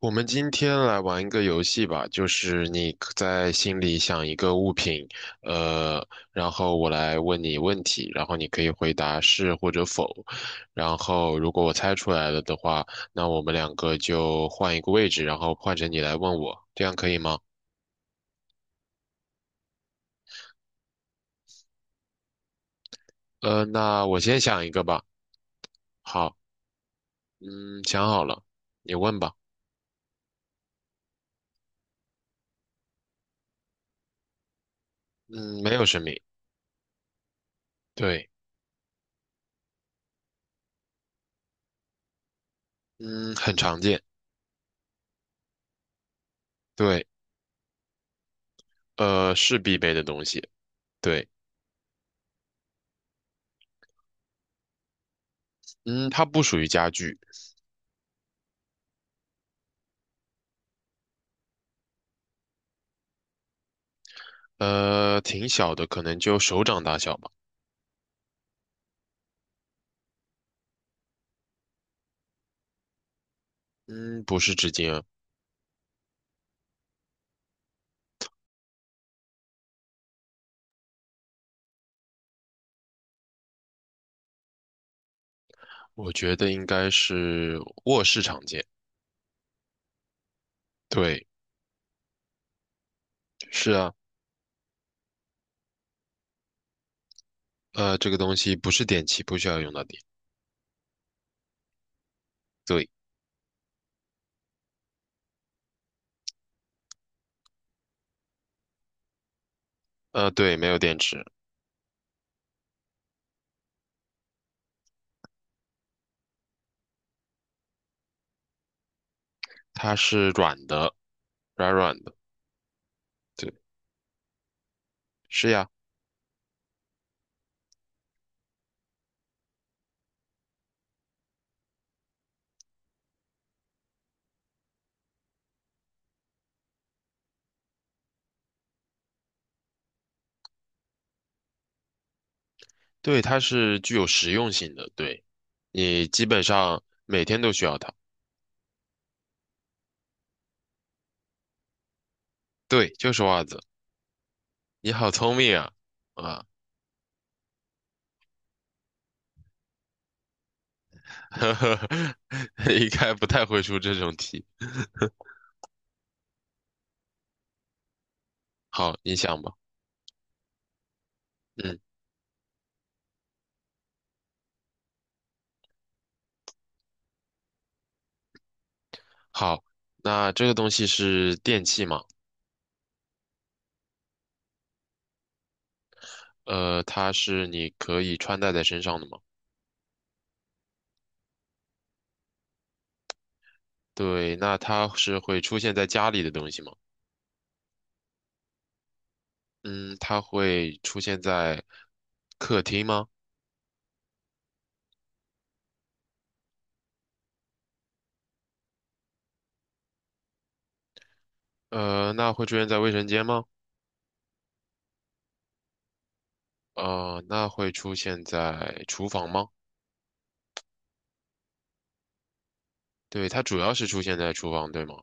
我们今天来玩一个游戏吧，就是你可在心里想一个物品，呃，然后我来问你问题，然后你可以回答是或者否，然后如果我猜出来了的话，那我们两个就换一个位置，然后换成你来问我，这样可以吗？那我先想一个吧。好，嗯，想好了，你问吧。嗯，没有生命。对，嗯，很常见。对，是必备的东西。对，嗯，它不属于家具。挺小的，可能就手掌大小吧。嗯，不是纸巾啊，我觉得应该是卧室常见。对，是啊，这个东西不是电器，不需要用到电。对，对，没有电池，它是软的，软软的。对，是呀，对，它是具有实用性的。对，你基本上每天都需要它。对，就是袜子。你好聪明啊，啊，呵呵应该不太会出这种题。好，你想吧。嗯。好，那这个东西是电器嘛？它是你可以穿戴在身上的嘛？对，那它是会出现在家里的东西吗？嗯，它会出现在客厅吗？那会出现在卫生间吗？那会出现在厨房吗？对，它主要是出现在厨房，对吗？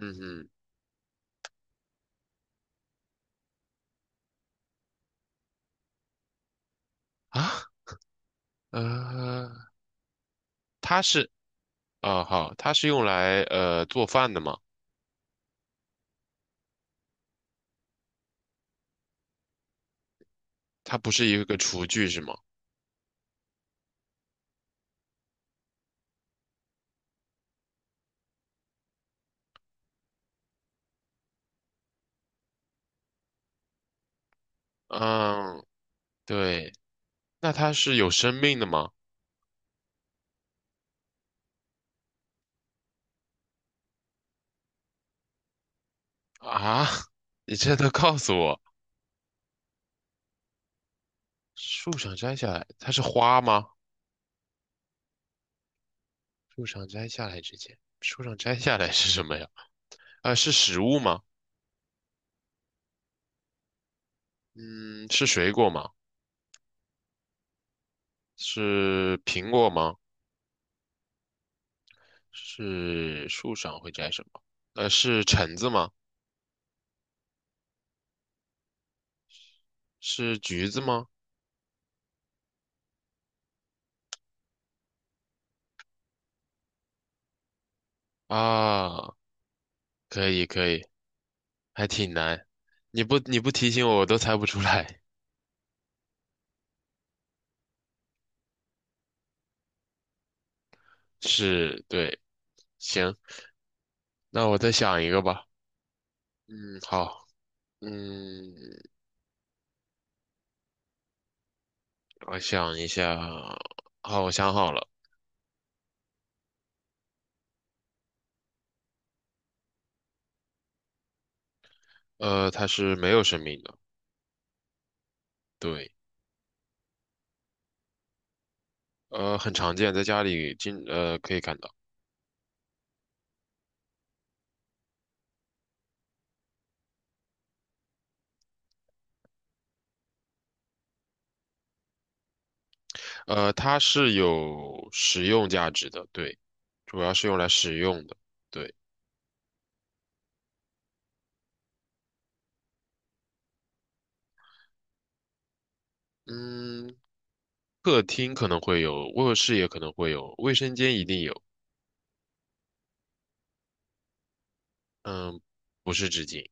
嗯嗯啊，呃，它是，啊，好，它是用来做饭的吗？它不是一个厨具是吗？嗯，对。那它是有生命的吗？啊，你这都告诉我，树上摘下来，它是花吗？树上摘下来之前，树上摘下来是什么呀？啊，是食物吗？嗯，是水果吗？是苹果吗？是树上会摘什么？是橙子吗？是橘子吗？啊，可以可以，还挺难，你不提醒我，我都猜不出来。是，对，行，那我再想一个吧。嗯，好。嗯，我想一下，好，我想好了，它是没有生命的，对，很常见，在家里可以看到，它是有食用价值的，对，主要是用来使用的，对，嗯，客厅可能会有，卧室也可能会有，卫生间一定有，嗯，不是纸巾，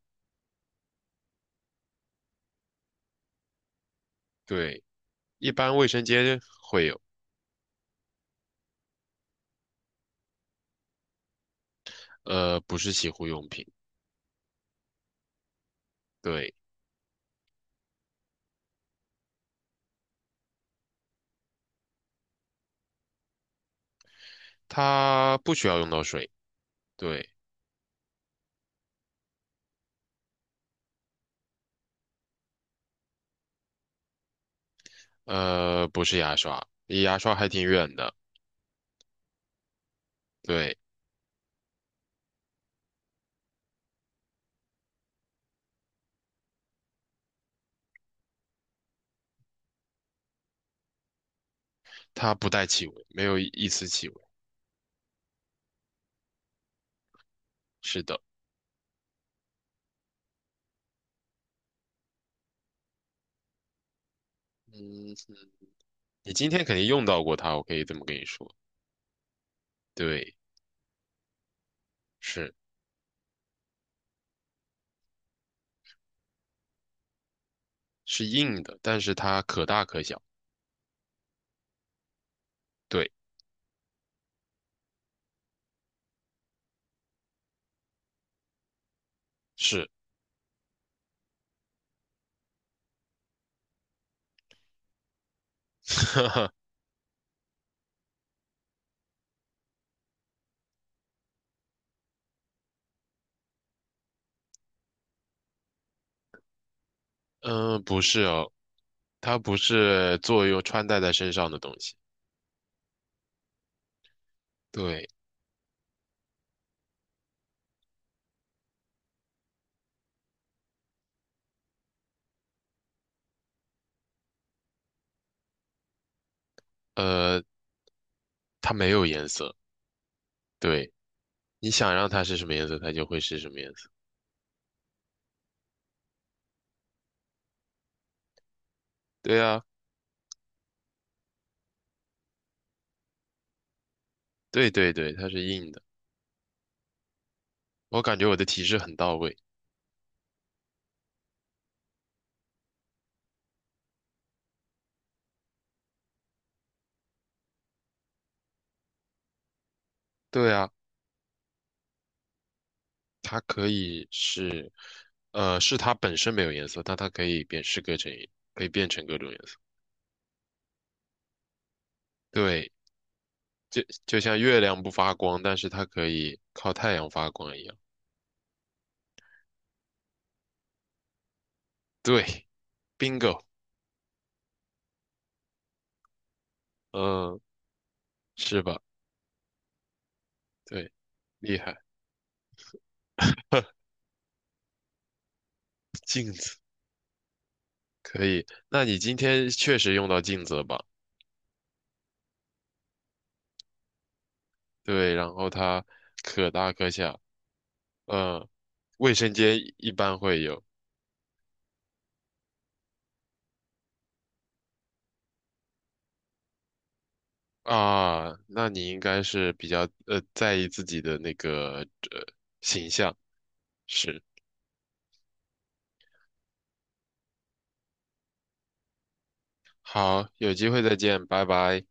对，一般卫生间会有，不是洗护用品，对，它不需要用到水。对。不是牙刷，离牙刷还挺远的。对，它不带气味，没有一丝气味。是的，嗯，你今天肯定用到过它，我可以这么跟你说。对，是是硬的，但是它可大可小。对，是，嗯，不是哦，它不是作用穿戴在身上的东西。对，呃，它没有颜色。对，你想让它是什么颜色，它就会是什么颜色。对啊，对对对，它是硬的。我感觉我的提示很到位。对啊。它可以是，是它本身没有颜色，但它可以变是各种，可以变成各种颜色。对，就就像月亮不发光，但是它可以靠太阳发光一样。对，bingo，嗯，是吧？对，厉害。镜子可以，那你今天确实用到镜子了吧？对，然后它可大可小，嗯，卫生间一般会有。啊，那你应该是比较在意自己的那个呃形象，是。好，有机会再见，拜拜。